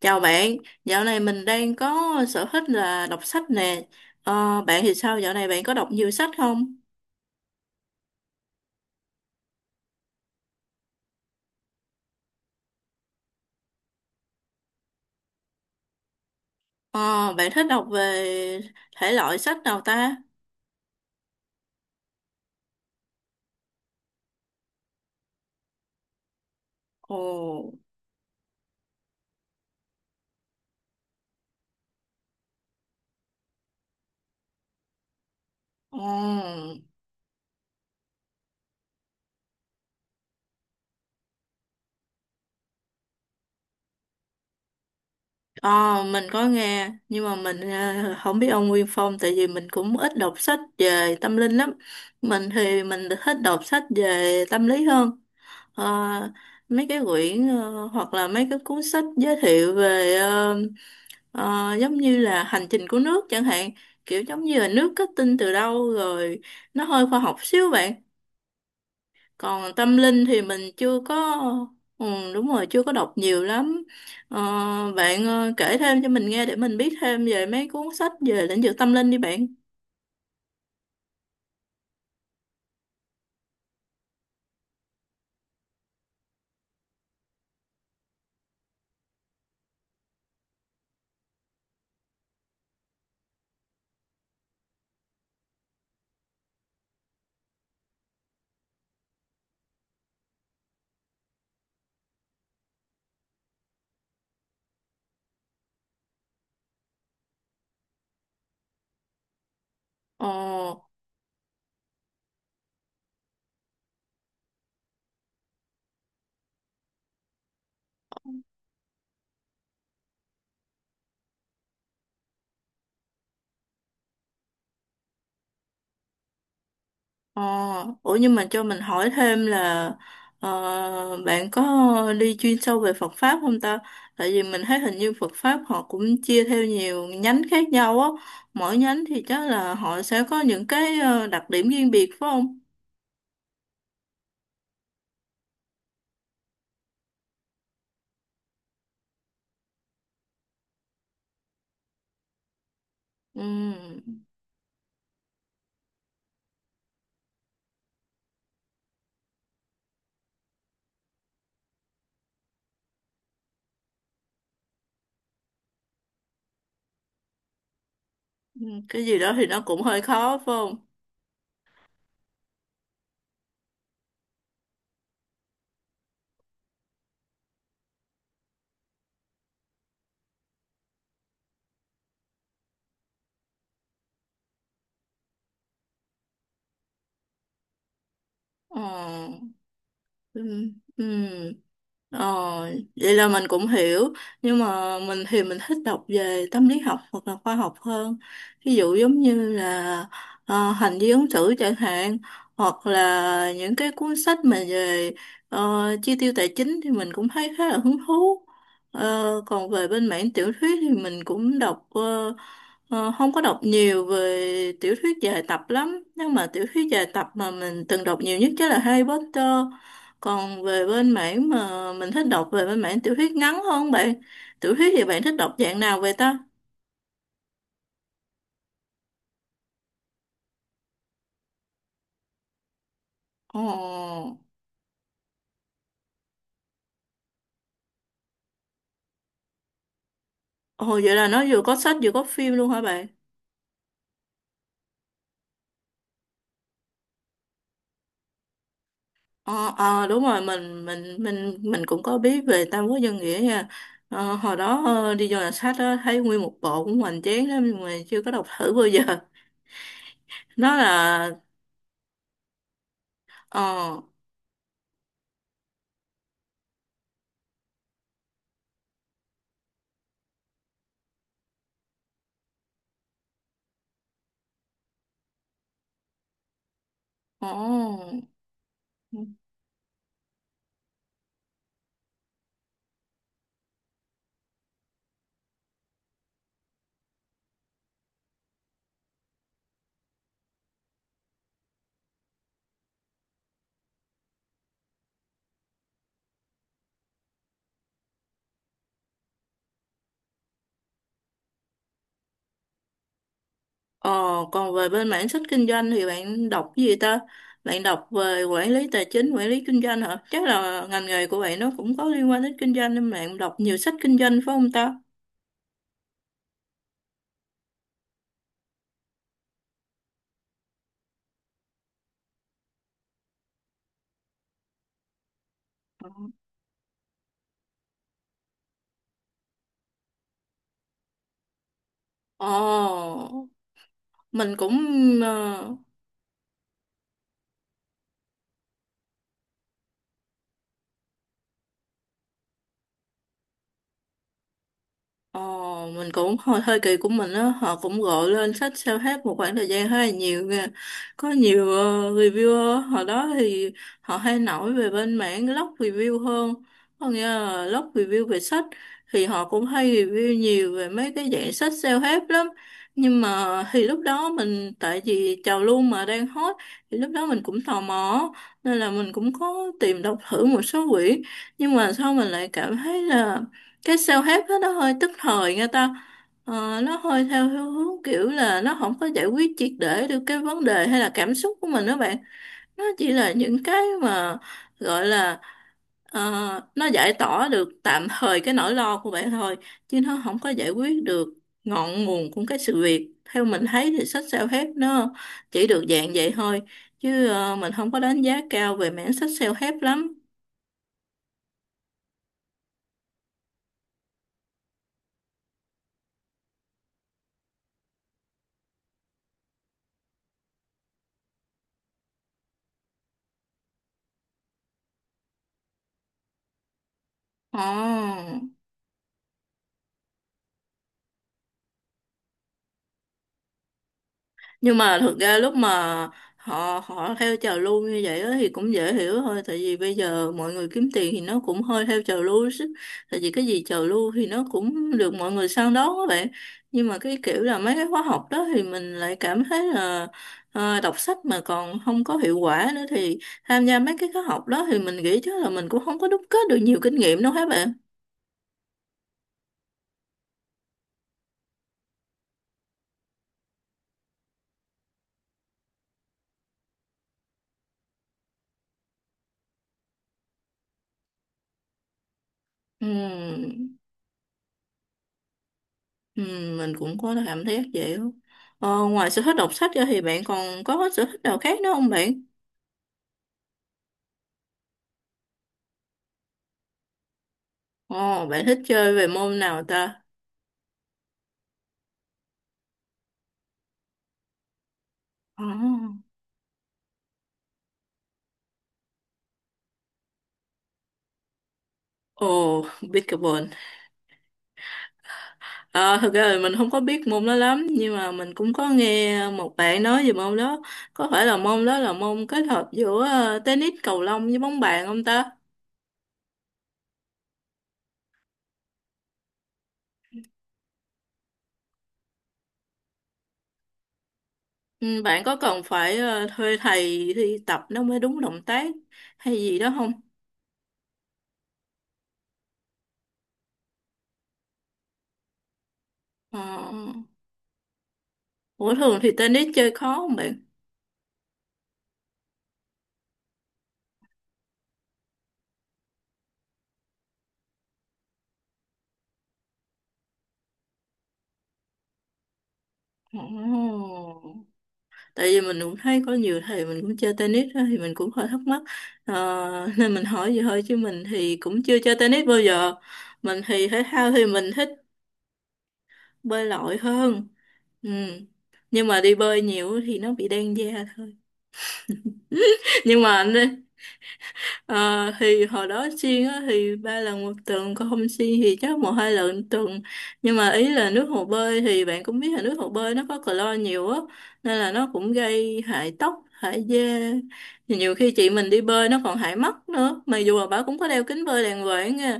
Chào bạn, dạo này mình đang có sở thích là đọc sách nè. Ờ, Bạn thì sao? Dạo này bạn có đọc nhiều sách không? Ờ, Bạn thích đọc về thể loại sách nào ta? Ồ, ồ, ờ, mình có nghe, nhưng mà mình không biết ông Nguyên Phong, tại vì mình cũng ít đọc sách về tâm linh lắm. Mình thì mình thích đọc sách về tâm lý hơn. Ờ, mấy cái quyển, hoặc là mấy cái cuốn sách giới thiệu về, giống như là hành trình của nước chẳng hạn, kiểu giống như là nước kết tinh từ đâu, rồi nó hơi khoa học xíu bạn. Còn tâm linh thì mình chưa có, ừ, đúng rồi, chưa có đọc nhiều lắm. Ờ, bạn kể thêm cho mình nghe để mình biết thêm về mấy cuốn sách về lĩnh vực tâm linh đi bạn. Ờ. Ờ, ủa nhưng mà cho mình hỏi thêm là, bạn có đi chuyên sâu về Phật pháp không ta? Tại vì mình thấy hình như Phật pháp họ cũng chia theo nhiều nhánh khác nhau á. Mỗi nhánh thì chắc là họ sẽ có những cái đặc điểm riêng biệt phải không? Ừ, ừ, cái gì đó thì nó cũng hơi khó phải không? Ờ, ừ, ừ. Ờ, vậy là mình cũng hiểu, nhưng mà mình thì mình thích đọc về tâm lý học hoặc là khoa học hơn, ví dụ giống như là hành vi ứng xử chẳng hạn, hoặc là những cái cuốn sách mà về chi tiêu tài chính thì mình cũng thấy khá là hứng thú. Ờ, còn về bên mảng tiểu thuyết thì mình cũng đọc, không có đọc nhiều về tiểu thuyết dài tập lắm, nhưng mà tiểu thuyết dài tập mà mình từng đọc nhiều nhất chắc là Harry Potter. Còn về bên mảng mà mình thích đọc về bên mảng tiểu thuyết ngắn hơn bạn. Tiểu thuyết thì bạn thích đọc dạng nào vậy ta? Ồ, ồ, vậy là nó vừa có sách vừa có phim luôn hả bạn? Ờ ờ, đúng rồi, mình cũng có biết về Tam Quốc Dân Nghĩa nha. Hồi đó đi vô nhà sách á, thấy nguyên một bộ cũng hoành tráng lắm nhưng mà chưa có đọc thử bao giờ. Nó là ờ, ồ. Ờ, còn về bên mảng sách kinh doanh thì bạn đọc cái gì ta? Bạn đọc về quản lý tài chính, quản lý kinh doanh hả? Chắc là ngành nghề của bạn nó cũng có liên quan đến kinh doanh nên bạn đọc nhiều sách kinh doanh phải không ta? Ờ, mình cũng, ờ, Ờ, mình cũng hơi, hơi kỳ của mình á, họ cũng gọi lên sách sao hết một khoảng thời gian khá là nhiều nha. Có nhiều reviewer, hồi đó thì họ hay nổi về bên mảng blog review hơn, có nghĩa là blog review về sách, thì họ cũng hay review nhiều về mấy cái dạng sách self help lắm. Nhưng mà thì lúc đó mình, tại vì trào lưu mà đang hot, thì lúc đó mình cũng tò mò nên là mình cũng có tìm đọc thử một số quyển, nhưng mà sau mình lại cảm thấy là cái sao hết đó, nó hơi tức thời nghe ta. Ờ, nó hơi theo hướng hướng kiểu là nó không có giải quyết triệt để được cái vấn đề hay là cảm xúc của mình đó bạn. Nó chỉ là những cái mà gọi là, ờ, nó giải tỏa được tạm thời cái nỗi lo của bạn thôi chứ nó không có giải quyết được ngọn nguồn của cái sự việc. Theo mình thấy thì sách sao hết nó chỉ được dạng vậy thôi, chứ mình không có đánh giá cao về mảng sách sao hết lắm. Ồ, nhưng mà thực ra lúc mà họ họ theo trào lưu như vậy á thì cũng dễ hiểu thôi, tại vì bây giờ mọi người kiếm tiền thì nó cũng hơi theo trào lưu chứ, tại vì cái gì trào lưu thì nó cũng được mọi người săn đón các bạn. Nhưng mà cái kiểu là mấy cái khóa học đó thì mình lại cảm thấy là, đọc sách mà còn không có hiệu quả nữa thì tham gia mấy cái khóa học đó thì mình nghĩ chắc là mình cũng không có đúc kết được nhiều kinh nghiệm đâu các bạn. Ừm. Ừ, mình cũng có cảm thấy vậy đó. Ờ, ngoài sở thích đọc sách ra thì bạn còn có sở thích nào khác nữa không bạn? Ồ, bạn thích chơi về môn nào ta? Ồ, Ồ, pickleball. Ờ, thực ra là mình không có biết môn đó lắm, nhưng mà mình cũng có nghe một bạn nói về môn đó. Có phải là môn đó là môn kết hợp giữa tennis, cầu lông với bóng bàn không ta? Ừ, bạn có cần phải thuê thầy thì tập nó mới đúng động tác hay gì đó không? Ờ, ủa thường thì tennis chơi khó không bạn? Ồ. Tại vì mình cũng thấy có nhiều thầy mình cũng chơi tennis á, thì mình cũng hơi thắc mắc. Ờ, nên mình hỏi vậy thôi chứ mình thì cũng chưa chơi tennis bao giờ. Mình thì thể thao thì mình thích bơi lội hơn. Ừ. Nhưng mà đi bơi nhiều thì nó bị đen da thôi. Nhưng mà, Ờ, thì hồi đó xiên á, thì ba lần một tuần, còn không xiên thì chắc một hai lần một tuần. Nhưng mà ý là nước hồ bơi thì bạn cũng biết là nước hồ bơi nó có clo nhiều á, nên là nó cũng gây hại tóc hại da. Thì nhiều khi chị mình đi bơi nó còn hại mắt nữa, mặc dù là bà cũng có đeo kính bơi đàng hoàng nha,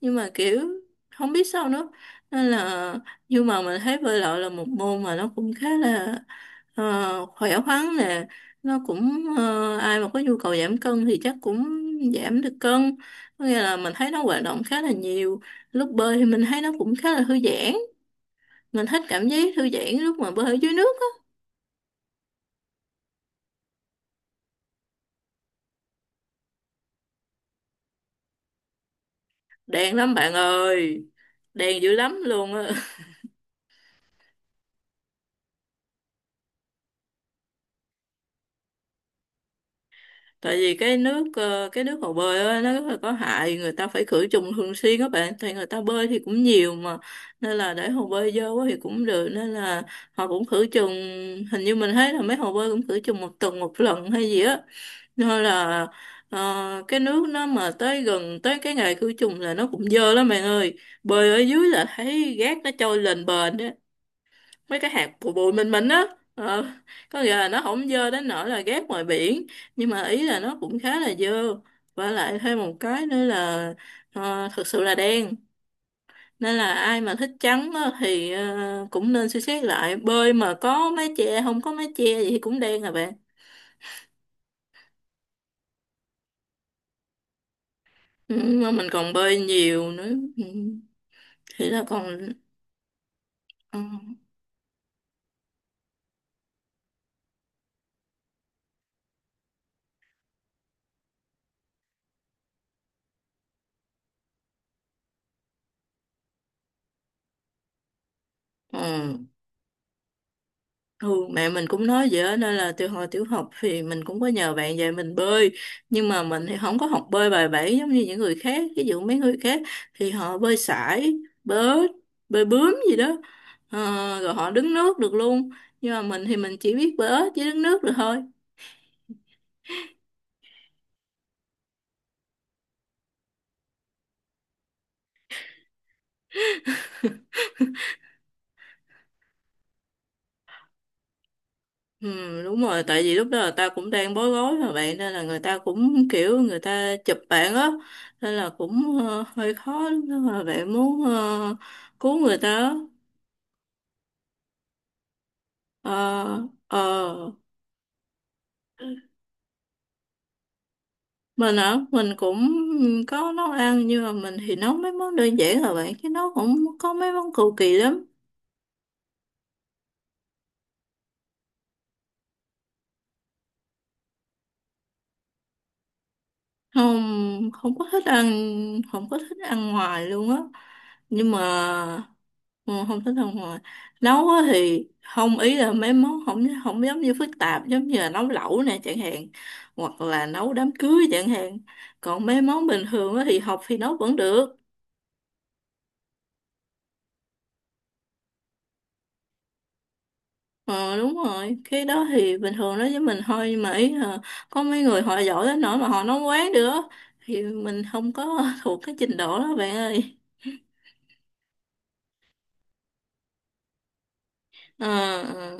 nhưng mà kiểu không biết sao nữa. Nên là, nhưng mà mình thấy bơi lội là một môn mà nó cũng khá là, khỏe khoắn nè, nó cũng, ai mà có nhu cầu giảm cân thì chắc cũng giảm được cân, có nghĩa là mình thấy nó hoạt động khá là nhiều. Lúc bơi thì mình thấy nó cũng khá là thư giãn, mình thích cảm giác thư giãn lúc mà bơi ở dưới nước á. Đèn lắm bạn ơi, đèn dữ lắm luôn á. Tại vì cái nước, cái nước hồ bơi á, nó rất là có hại, người ta phải khử trùng thường xuyên các bạn, thì người ta bơi thì cũng nhiều mà, nên là để hồ bơi dơ quá thì cũng được, nên là họ cũng khử trùng. Hình như mình thấy là mấy hồ bơi cũng khử trùng một tuần một lần hay gì á, nên là, cái nước nó mà tới gần tới cái ngày khử trùng là nó cũng dơ lắm bạn ơi. Bơi ở dưới là thấy gác nó trôi lên bền đó, mấy cái hạt bụi bụi mịn mịn á. Ờ, có nghĩa là nó không dơ đến nỗi là ghét ngoài biển, nhưng mà ý là nó cũng khá là dơ. Và lại thêm một cái nữa là, thực sự là đen, nên là ai mà thích trắng á, thì cũng nên suy xét lại, bơi mà có mái che không có mái che gì thì cũng đen à bạn. Ừ, mà mình còn bơi nhiều nữa. Ừ, thì là còn, ừ, ừ. Ừ, mẹ mình cũng nói vậy á, nên là từ hồi tiểu học thì mình cũng có nhờ bạn dạy mình bơi, nhưng mà mình thì không có học bơi bài bản giống như những người khác, ví dụ mấy người khác thì họ bơi sải, bơi bơi bướm gì đó. Ờ, rồi họ đứng nước được luôn, nhưng mà mình thì mình chỉ biết bơi ếch với đứng nước được thôi. Ừ, đúng rồi, tại vì lúc đó là ta cũng đang bối rối mà bạn, nên là người ta cũng kiểu người ta chụp bạn á, nên là cũng hơi khó lúc đó mà bạn muốn cứu người ta á. Ờ, ờ, mình á, mình cũng có nấu ăn, nhưng mà mình thì nấu mấy món đơn giản là bạn, chứ nấu cũng có mấy món cầu kỳ lắm. Không, không có thích ăn, không có thích ăn ngoài luôn á. Nhưng mà ừ, không thích ăn ngoài. Nấu á thì không, ý là mấy món không không giống như phức tạp giống như là nấu lẩu nè chẳng hạn, hoặc là nấu đám cưới chẳng hạn. Còn mấy món bình thường á thì học thì nấu vẫn được. Ờ đúng rồi, cái đó thì bình thường đó với mình thôi, nhưng mà ý là có mấy người họ giỏi đến nỗi mà họ nói quán nữa thì mình không có thuộc cái trình độ đó bạn ơi. Ờ ờ,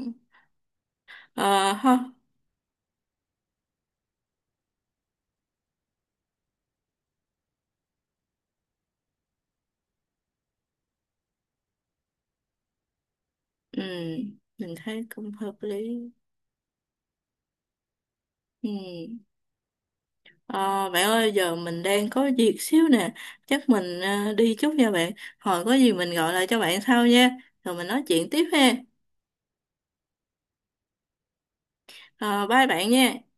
Ờ, ha. Ừ, mình thấy cũng hợp lý. Ừ. Ờ, bạn ơi giờ mình đang có việc xíu nè, chắc mình đi chút nha bạn. Hồi có gì mình gọi lại cho bạn sau nha, rồi mình nói chuyện tiếp ha. Ờ, bye bạn nha.